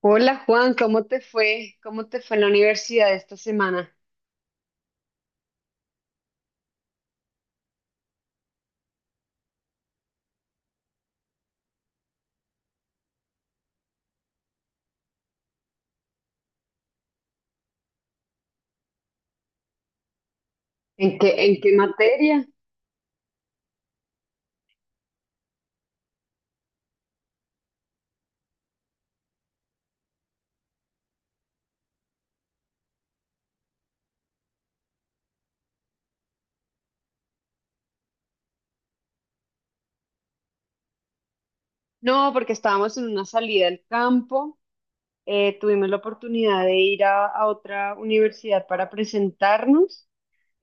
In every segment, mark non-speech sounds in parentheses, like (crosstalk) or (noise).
Hola Juan, ¿cómo te fue? ¿Cómo te fue en la universidad esta semana? En qué materia? No, porque estábamos en una salida al campo, tuvimos la oportunidad de ir a otra universidad para presentarnos.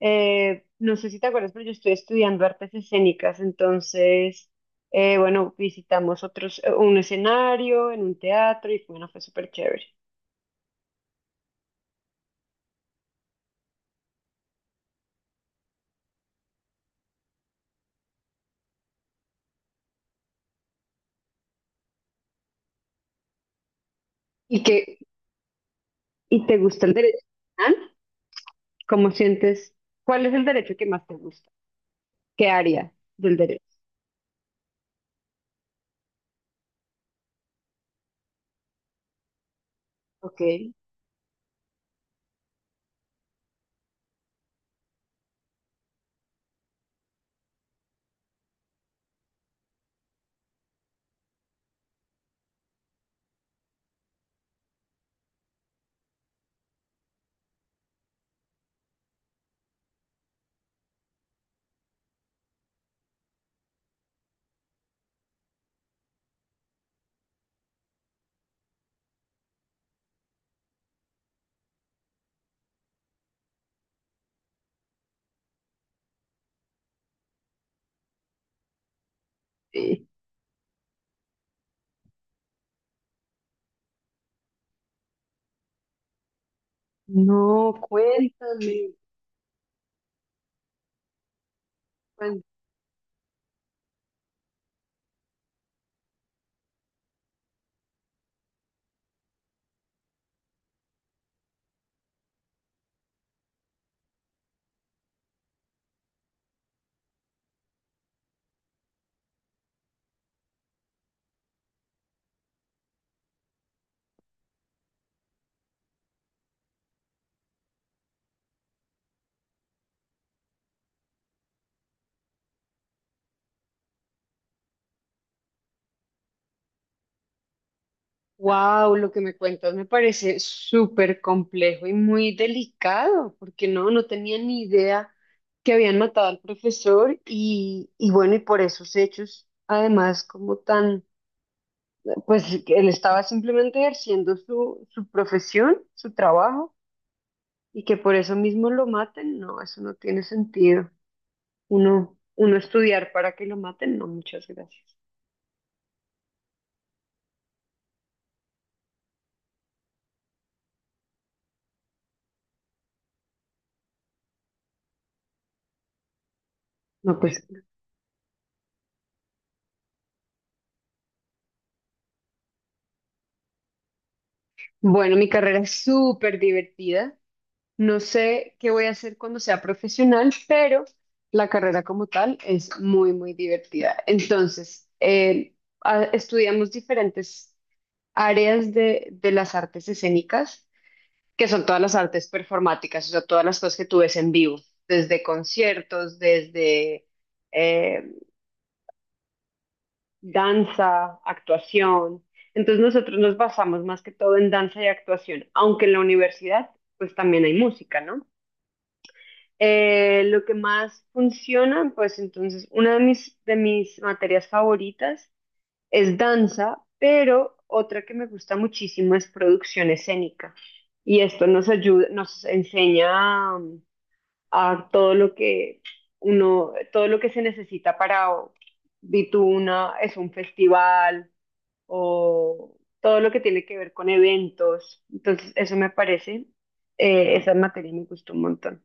No sé si te acuerdas, pero yo estoy estudiando artes escénicas, entonces, bueno, visitamos otros, un escenario en un teatro y bueno, fue súper chévere. ¿Y qué, y te gusta el derecho? ¿Ah? ¿Cómo sientes? ¿Cuál es el derecho que más te gusta? ¿Qué área del derecho? Ok. eh, No, cuéntame. Wow, lo que me cuentas me parece súper complejo y muy delicado, porque no, no tenía ni idea que habían matado al profesor y bueno, y por esos hechos, además, como tan, pues que él estaba simplemente ejerciendo su, su profesión, su trabajo, y que por eso mismo lo maten, no, eso no tiene sentido. Uno, uno estudiar para que lo maten, no, muchas gracias. No, pues, bueno, mi carrera es súper divertida. No sé qué voy a hacer cuando sea profesional, pero la carrera como tal es muy, muy divertida. Entonces, estudiamos diferentes áreas de las artes escénicas, que son todas las artes performáticas, o sea, todas las cosas que tú ves en vivo, desde conciertos, desde, eh, danza, actuación. Entonces nosotros nos basamos más que todo en danza y actuación, aunque en la universidad pues también hay música, ¿no? Lo que más funciona, pues entonces una de mis materias favoritas es danza, pero otra que me gusta muchísimo es producción escénica. Y esto nos ayuda, nos enseña a, todo lo que uno, todo lo que se necesita para, di tú una, es un festival o todo lo que tiene que ver con eventos. Entonces, eso me parece, esa materia me gustó un montón.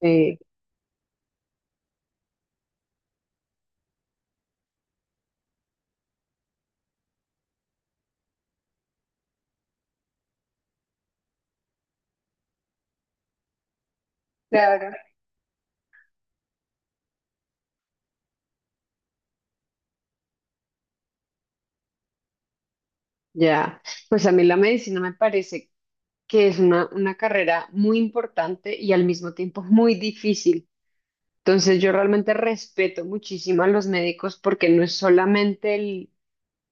Eh, Claro. Ya, pues a mí la medicina me parece que es una carrera muy importante y al mismo tiempo muy difícil. Entonces yo realmente respeto muchísimo a los médicos porque no es solamente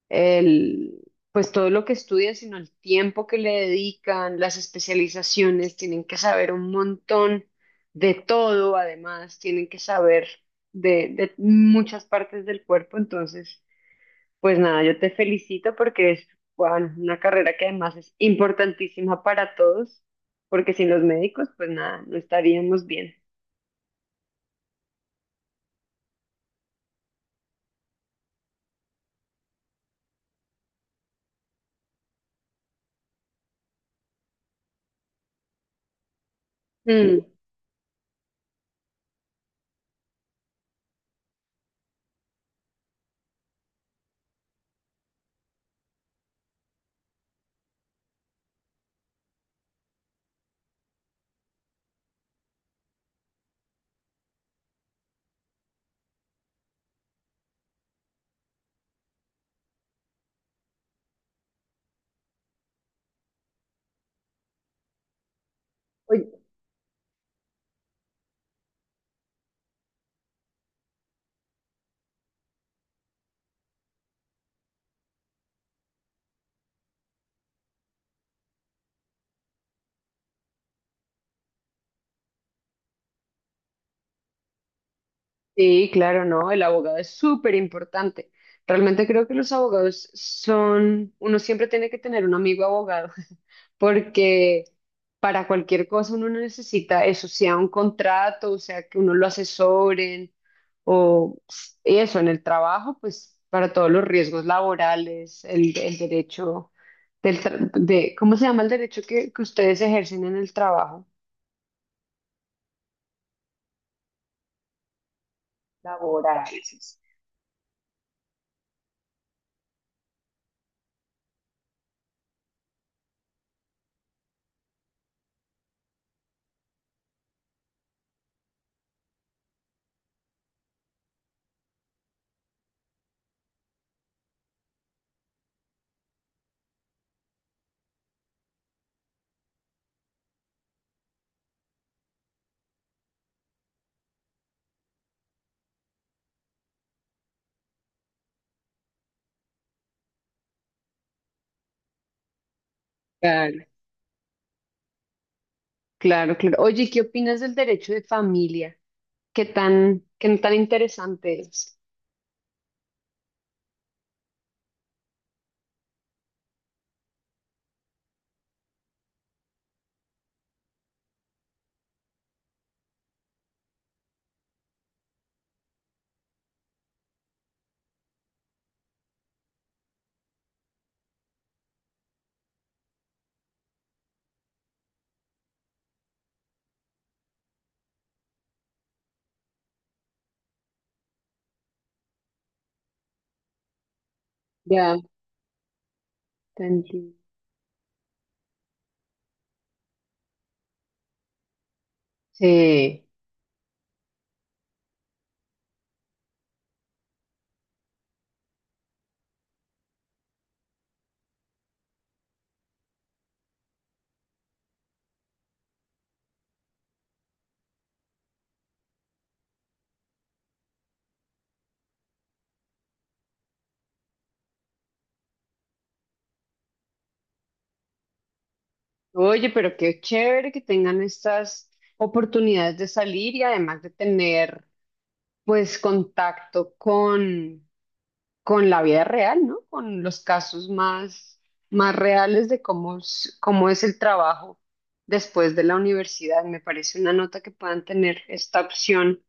el, pues todo lo que estudian, sino el tiempo que le dedican, las especializaciones, tienen que saber un montón de todo, además, tienen que saber de muchas partes del cuerpo, entonces, pues nada, yo te felicito porque es, bueno, una carrera que además es importantísima para todos, porque sin los médicos, pues nada, no estaríamos bien. Mm. Oye, sí, claro, no, el abogado es súper importante. Realmente creo que los abogados son, uno siempre tiene que tener un amigo abogado, (laughs) porque para cualquier cosa uno necesita eso, sea un contrato, o sea que uno lo asesoren, o eso, en el trabajo, pues para todos los riesgos laborales, el derecho del, de, ¿cómo se llama el derecho que ustedes ejercen en el trabajo? Laborales. Claro, claro. Oye, ¿qué opinas del derecho de familia? Qué tan interesante es? Ya, tan- sí. Oye, pero qué chévere que tengan estas oportunidades de salir y además de tener, pues, contacto con la vida real, ¿no? Con los casos más, más reales de cómo, cómo es el trabajo después de la universidad. Me parece una nota que puedan tener esta opción.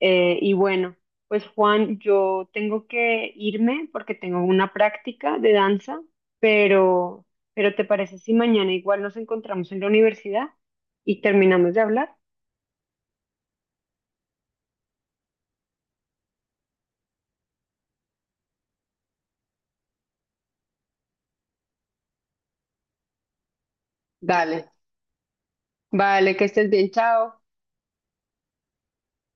Y bueno, pues Juan, yo tengo que irme porque tengo una práctica de danza, pero, pero ¿te parece si mañana igual nos encontramos en la universidad y terminamos de hablar? Dale. Vale, que estés bien, chao.